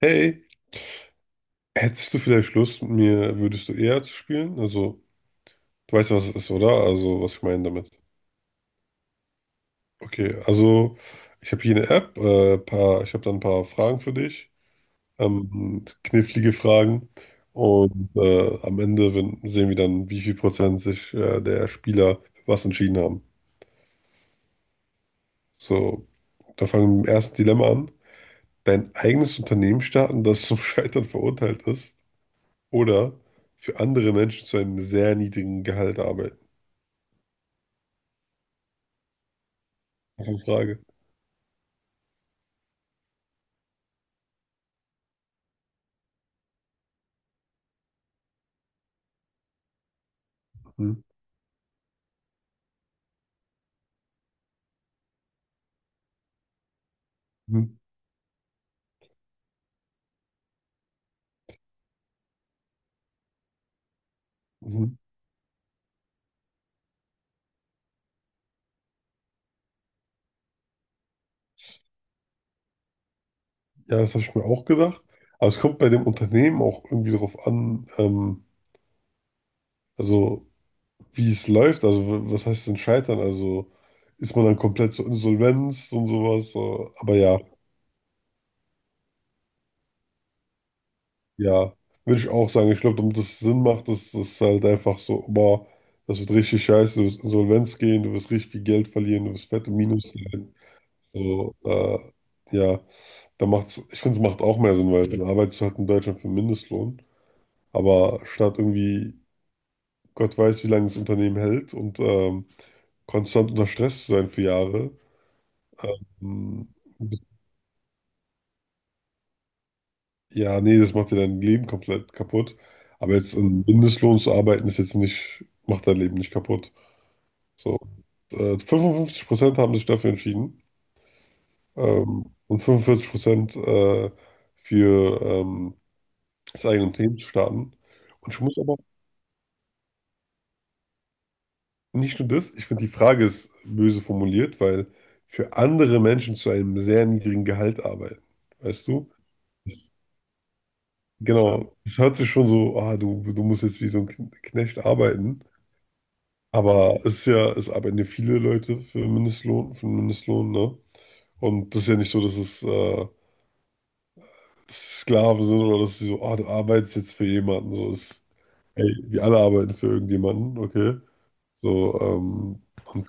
Hey, hättest du vielleicht Lust, mit mir würdest du eher zu spielen? Also, du weißt, ja, was es ist, oder? Also, was ich meine damit. Okay, also, ich habe hier eine App, paar, ich habe da ein paar Fragen für dich, knifflige Fragen. Und am Ende wenn, sehen wir dann, wie viel Prozent sich der Spieler für was entschieden haben. So, da fangen wir mit dem ersten Dilemma an. Dein eigenes Unternehmen starten, das zum Scheitern verurteilt ist, oder für andere Menschen zu einem sehr niedrigen Gehalt arbeiten. Auch eine Frage. Mhm. Mhm. Mhm. Ja, das habe ich mir auch gedacht. Aber es kommt bei dem Unternehmen auch irgendwie darauf an, also wie es läuft. Also was heißt denn scheitern? Also ist man dann komplett zur Insolvenz und sowas? So. Aber ja, ja, würde ich auch sagen. Ich glaube, damit es Sinn macht, dass das halt einfach so, boah, das wird richtig scheiße, du wirst Insolvenz gehen, du wirst richtig viel Geld verlieren, du wirst fette Minus sein. So, ja, da macht's, ich finde, es macht auch mehr Sinn, weil dann arbeitest du halt in Deutschland für Mindestlohn. Aber statt irgendwie, Gott weiß, wie lange das Unternehmen hält und konstant unter Stress zu sein für Jahre, ähm, ja, nee, das macht dir dein Leben komplett kaputt. Aber jetzt im Mindestlohn zu arbeiten, ist jetzt nicht, macht dein Leben nicht kaputt. So, 55% haben sich dafür entschieden und 45% äh, für das eigene Unternehmen zu starten. Und ich muss aber nicht nur das, ich finde die Frage ist böse formuliert, weil für andere Menschen zu einem sehr niedrigen Gehalt arbeiten, weißt du? Das, genau, es hört sich schon so, ah, du musst jetzt wie so ein Knecht arbeiten, aber es ist ja, es arbeiten ja viele Leute für Mindestlohn, für einen Mindestlohn, ne? Und das ist ja nicht so, dass es Sklaven sind oder dass sie so, ah, du arbeitest jetzt für jemanden, so ist, hey, wir alle arbeiten für irgendjemanden, okay? So, und,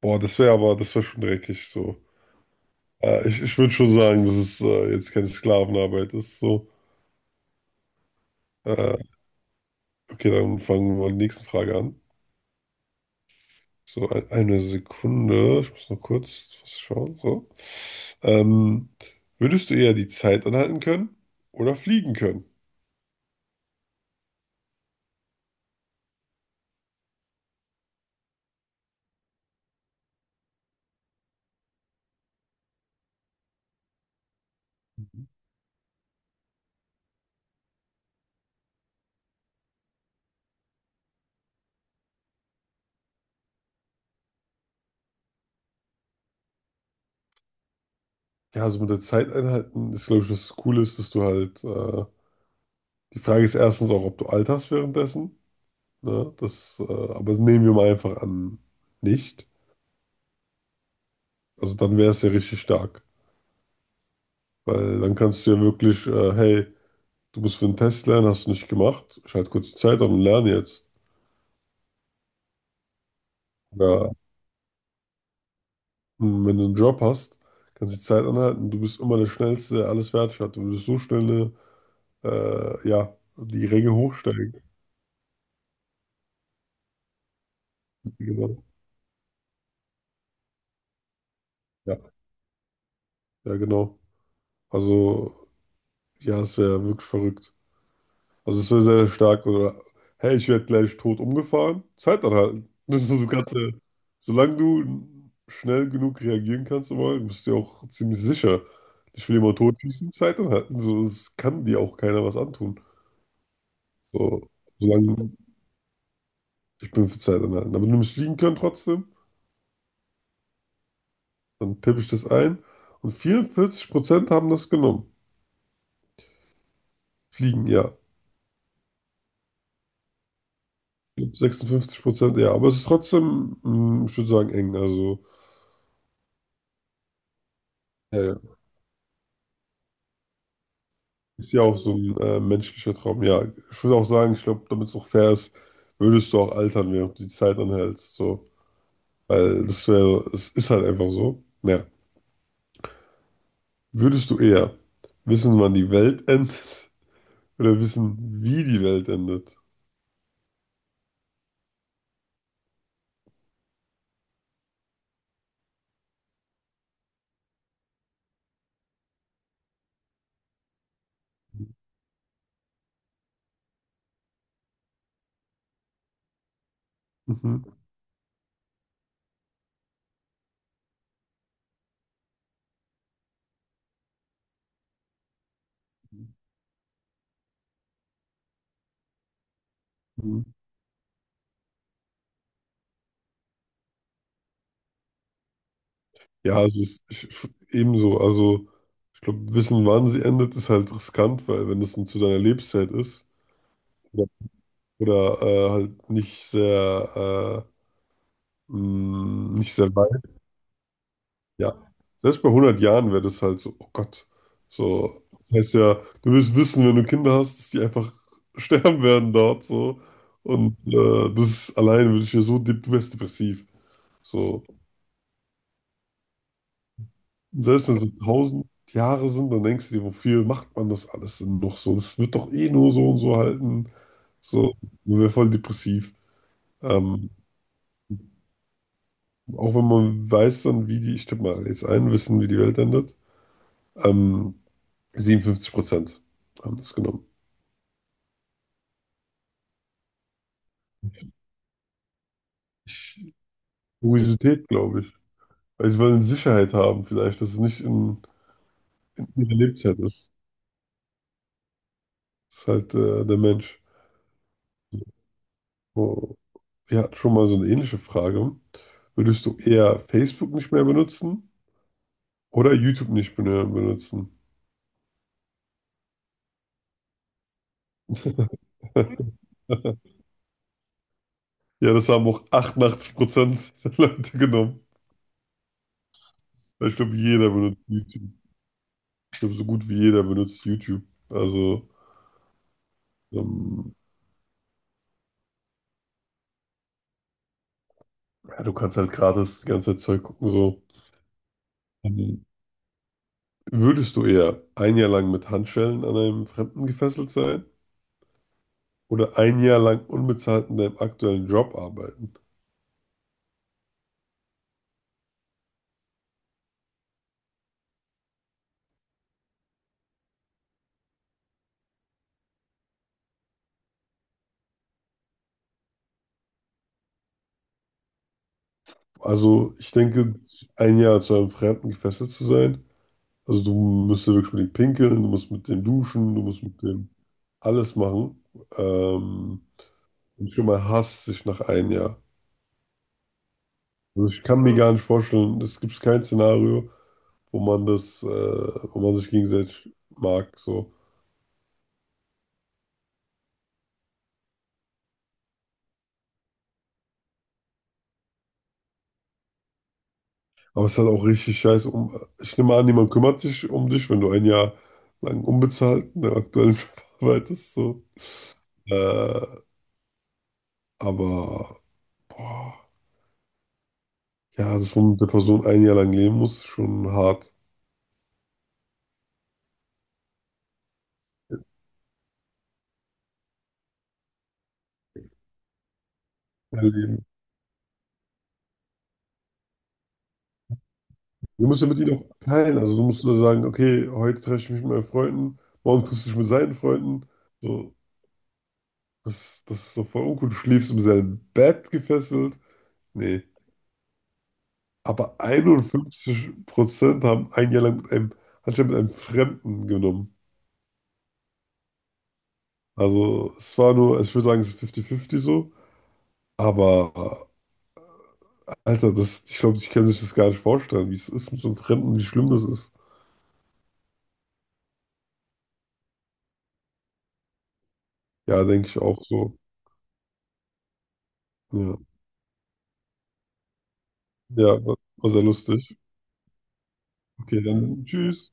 boah, das wäre aber, das wäre schon dreckig, so. Ja, ich würde schon sagen, dass es jetzt keine Sklavenarbeit ist. So. Äh, okay, dann fangen wir mal die nächste Frage an. So, eine Sekunde. Ich muss noch kurz was schauen. So. Ähm, würdest du eher die Zeit anhalten können oder fliegen können? Ja, also mit der Zeit einhalten ist, glaube ich, das Coole ist, dass du halt. Die Frage ist erstens auch, ob du alterst währenddessen. Ne? Das, aber das nehmen wir mal einfach an, nicht. Also dann wäre es ja richtig stark. Weil dann kannst du ja wirklich, hey, du bist für einen Test lernen, hast du nicht gemacht. Schalt kurz die Zeit an und lerne jetzt. Oder hm, wenn du einen Job hast, kannst du die Zeit anhalten. Du bist immer der Schnellste, der alles fertig hat. Du würdest so schnell eine, ja, die Ränge hochsteigen. Genau. Ja, ja, genau. Also, ja, es wäre wirklich verrückt. Also es wäre sehr stark, oder hey, ich werde gleich tot umgefahren, Zeit anhalten. Das ist so, du kannst ja, solange du schnell genug reagieren kannst, immer, bist du ja auch ziemlich sicher. Ich will jemanden totschießen, Zeit anhalten. So, es kann dir auch keiner was antun. So, solange ich bin für Zeit anhalten. Aber du musst fliegen können trotzdem, dann tippe ich das ein. Und 44% haben das genommen. Fliegen, ja. Ich Prozent ja. Aber es ist trotzdem, ich würde sagen, eng. Also. Ja, ist ja auch so ein menschlicher Traum. Ja, ich würde auch sagen, ich glaube, damit es auch fair ist, würdest du auch altern, während du die Zeit anhältst. So. Weil das wäre, es ist halt einfach so. Ja. Würdest du eher wissen, wann die Welt endet, oder wissen, wie die Welt endet? Mhm. Mhm. Ja, also es, ich, ebenso. Also ich glaube, wissen, wann sie endet, ist halt riskant, weil wenn das dann zu deiner Lebenszeit ist oder, oder halt nicht sehr, nicht sehr weit. Ja, selbst bei 100 Jahren wäre das halt so, oh Gott, so, das heißt ja, du willst wissen, wenn du Kinder hast, dass die einfach sterben werden dort, so, und das allein würde ich ja so, du wärst depressiv, so, selbst wenn es so 1.000 Jahre sind, dann denkst du dir, wofür macht man das alles denn noch so, das wird doch eh nur so und so halten, so, man wäre voll depressiv, ähm, auch wenn man weiß dann, wie die, ich tippe mal jetzt ein, wissen, wie die Welt endet, ähm, 57% haben das genommen. Kuriosität, glaube ich. Weil sie wollen Sicherheit haben, vielleicht, dass es nicht in, in ihrer Lebenszeit ist. Das ist halt der Mensch. Oh. Wir hatten schon mal so eine ähnliche Frage. Würdest du eher Facebook nicht mehr benutzen oder YouTube nicht mehr benutzen? Ja, das haben auch 88% der Leute genommen. Weil ich glaube, jeder benutzt YouTube. Ich glaube, so gut wie jeder benutzt YouTube. Also, ähm, ja, du kannst halt gratis die ganze Zeit Zeug gucken, so. Ähm, Würdest du eher ein Jahr lang mit Handschellen an einem Fremden gefesselt sein oder ein Jahr lang unbezahlt in deinem aktuellen Job arbeiten? Also ich denke, ein Jahr zu einem Fremden gefesselt zu sein, also du musst ja wirklich mit dem pinkeln, du musst mit dem duschen, du musst mit dem alles machen. Ähm, und schon mal hasst sich nach einem Jahr. Also ich kann mir gar nicht vorstellen, es gibt kein Szenario, wo man das, wo man sich gegenseitig mag, so. Aber es ist halt auch richtig scheiße. Ich nehme an, niemand kümmert sich um dich, wenn du ein Jahr lang unbezahlt in der aktuellen Job arbeitest. So. Äh, aber, boah, ja, dass man mit der Person ein Jahr lang leben muss, ist schon hart. Erleben. Du musst ja mit ihnen auch teilen. Also, du musst nur sagen, okay, heute treffe ich mich mit meinen Freunden, morgen triffst du dich mit seinen Freunden. So, das ist doch voll uncool. Du schläfst in seinem Bett gefesselt. Nee. Aber 51% haben ein Jahr lang mit einem, anscheinend mit einem Fremden genommen. Also es war nur, ich würde sagen, es ist 50-50 so. Aber Alter, das, ich glaube, ich kann sich das gar nicht vorstellen, wie es ist mit so einem Fremden, wie schlimm das ist. Ja, denke ich auch so. Ja, ja, war sehr lustig. Okay, dann tschüss.